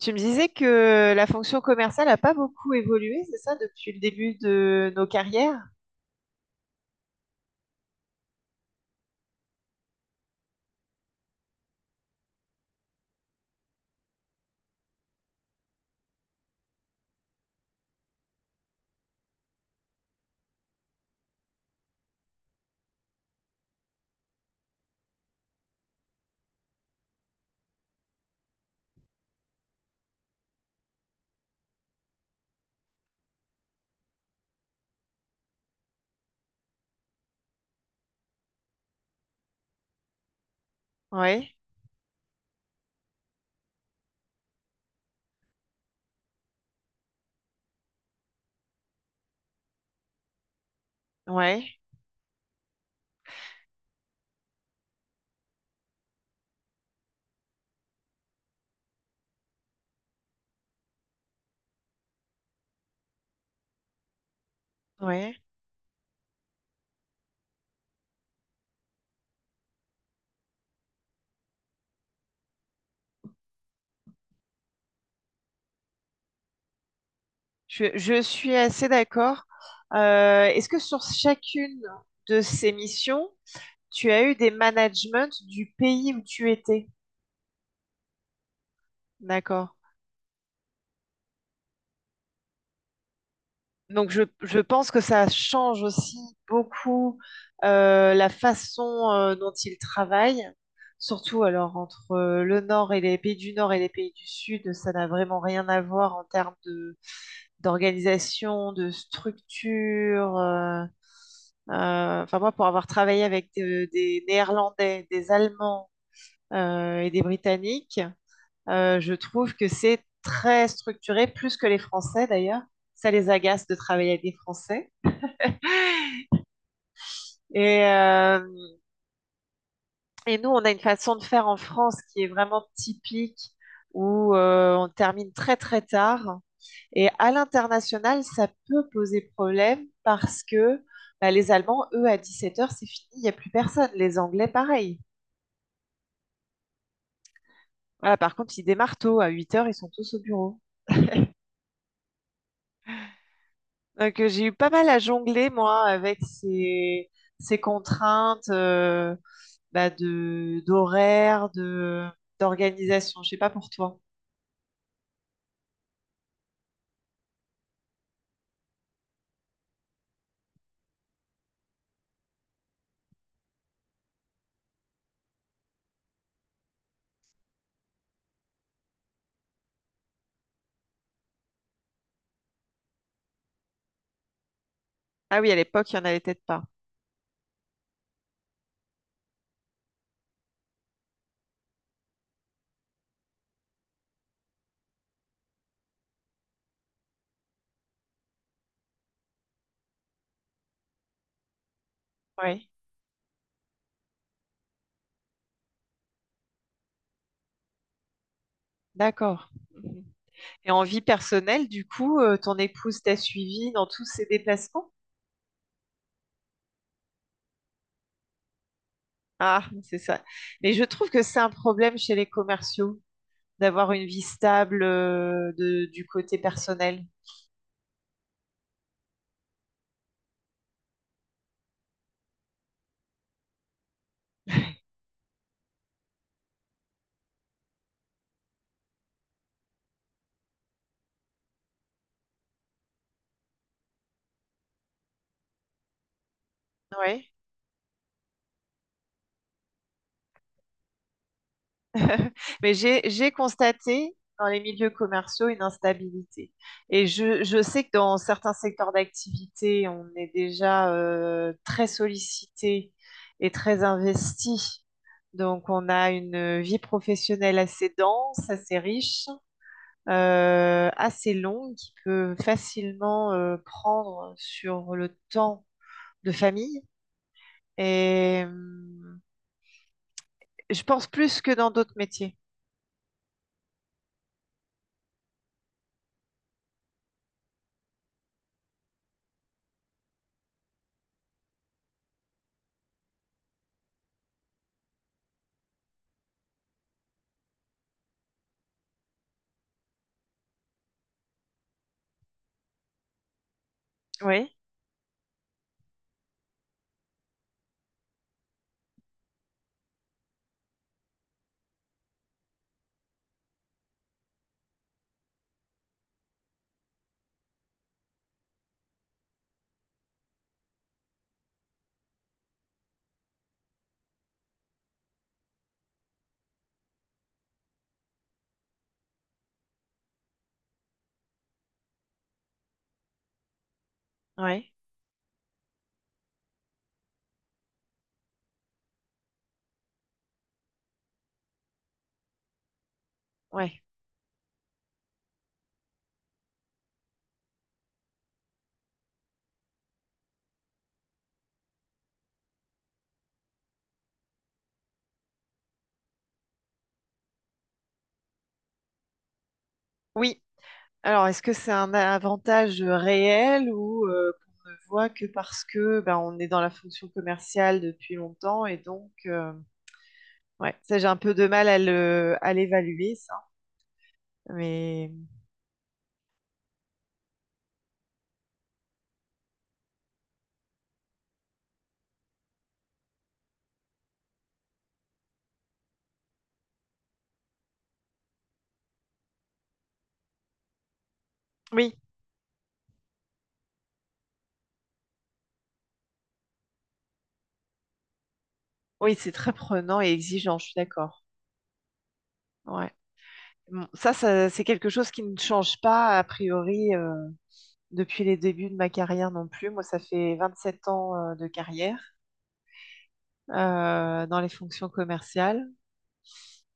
Tu me disais que la fonction commerciale n'a pas beaucoup évolué, c'est ça, depuis le début de nos carrières? Oui, oui, oui. Je suis assez d'accord. Est-ce que sur chacune de ces missions, tu as eu des managements du pays où tu étais? D'accord. Donc je pense que ça change aussi beaucoup la façon dont ils travaillent, surtout alors entre le Nord et les pays du Nord et les pays du Sud, ça n'a vraiment rien à voir en termes de d'organisation, de structure. Enfin moi, pour avoir travaillé avec des Néerlandais, des Allemands et des Britanniques, je trouve que c'est très structuré, plus que les Français d'ailleurs. Ça les agace de travailler avec des Français. Et, euh, et nous, on a une façon de faire en France qui est vraiment typique, où on termine très très tard. Et à l'international, ça peut poser problème parce que bah, les Allemands, eux, à 17 heures, c'est fini, il n'y a plus personne. Les Anglais, pareil. Voilà, par contre, ils démarrent tôt, à 8 heures, ils sont tous au bureau. Donc j'ai eu pas mal à jongler, moi, avec ces, ces contraintes bah, de, d'horaire, de, d'organisation. Je sais pas pour toi. Ah oui, à l'époque, il n'y en avait peut-être pas. Oui, d'accord. Mhm. Et en vie personnelle, du coup, ton épouse t'a suivi dans tous ses déplacements? Ah, c'est ça. Mais je trouve que c'est un problème chez les commerciaux d'avoir une vie stable du côté personnel. Oui. Mais j'ai constaté dans les milieux commerciaux une instabilité. Et je sais que dans certains secteurs d'activité, on est déjà très sollicité et très investi. Donc, on a une vie professionnelle assez dense, assez riche, assez longue, qui peut facilement prendre sur le temps de famille. Et je pense plus que dans d'autres métiers. Oui, oui, oui. Oui. Alors, est-ce que c'est un avantage réel ou qu'on ne voit que parce que ben, on est dans la fonction commerciale depuis longtemps et donc, ouais, ça j'ai un peu de mal à le, à l'évaluer, ça. Mais oui, oui, c'est très prenant et exigeant, je suis d'accord. Ouais. Bon, ça, c'est quelque chose qui ne change pas, a priori, depuis les débuts de ma carrière non plus. Moi, ça fait 27 ans, de carrière, dans les fonctions commerciales.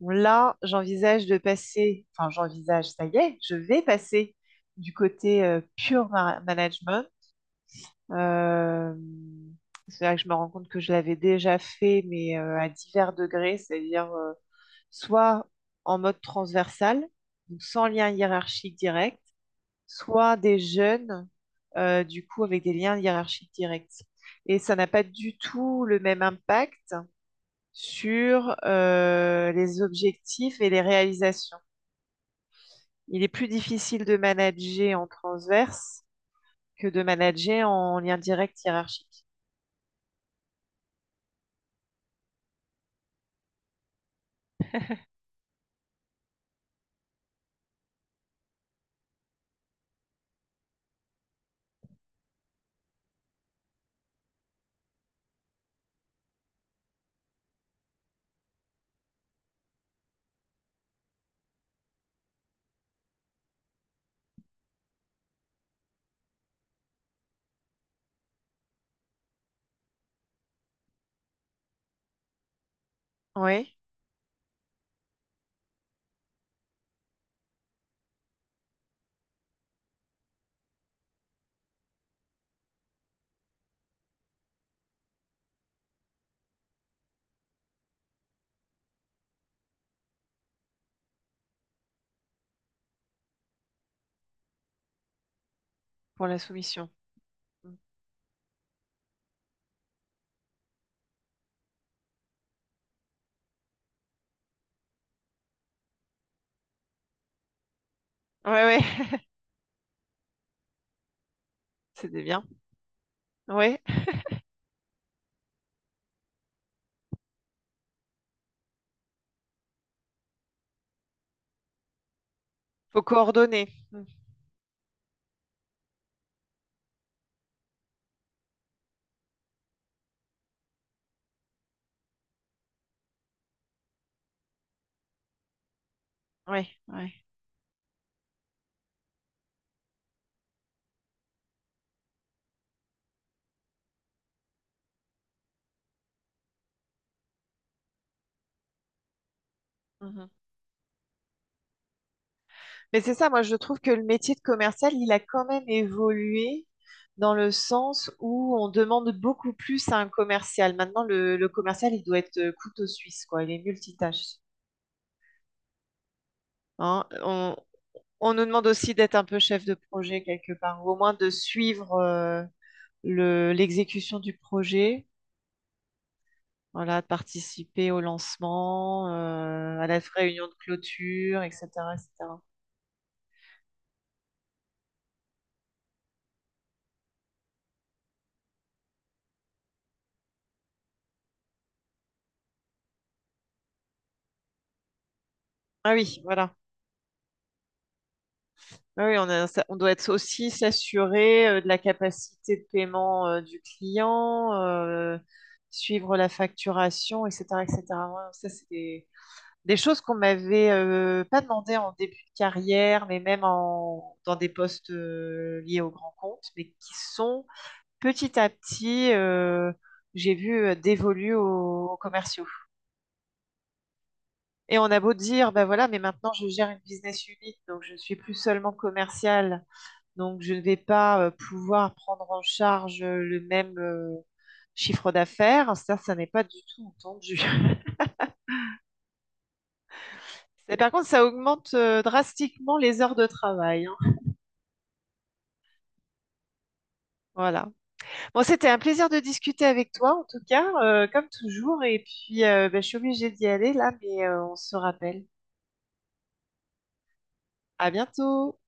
Bon, là, j'envisage de passer, enfin, j'envisage, ça y est, je vais passer du côté, management. Euh, c'est là que je me rends compte que je l'avais déjà fait, mais à divers degrés, c'est-à-dire soit en mode transversal, donc sans lien hiérarchique direct, soit des jeunes, du coup, avec des liens hiérarchiques directs. Et ça n'a pas du tout le même impact sur les objectifs et les réalisations. Il est plus difficile de manager en transverse que de manager en lien direct hiérarchique. Oui, pour la soumission. Oui, oui, c'était bien. Oui, il faut coordonner. Oui, oui. Mm-hmm. Mais c'est ça, moi je trouve que le métier de commercial, il a quand même évolué dans le sens où on demande beaucoup plus à un commercial. Maintenant, le commercial, il doit être couteau suisse, quoi. Il est multitâche, hein. On nous demande aussi d'être un peu chef de projet quelque part, ou au moins de suivre le, l'exécution du projet. Voilà, de participer au lancement, à la réunion de clôture, etc., etc. Ah oui, voilà. Ah oui, on doit être aussi s'assurer de la capacité de paiement du client, suivre la facturation, etc., etc. Ouais, ça, c'est des choses qu'on m'avait pas demandé en début de carrière, mais même en, dans des postes liés aux grands comptes, mais qui sont petit à petit, j'ai vu, dévolues aux, aux commerciaux. Et on a beau dire, bah voilà, mais maintenant je gère une business unit, donc je ne suis plus seulement commercial donc, je ne vais pas pouvoir prendre en charge le même chiffre d'affaires. Ça n'est pas du tout entendu. Mais par contre, ça augmente drastiquement les heures de travail, hein. Voilà. Bon, c'était un plaisir de discuter avec toi, en tout cas, comme toujours. Et puis, ben, je suis obligée d'y aller là, mais on se rappelle. À bientôt.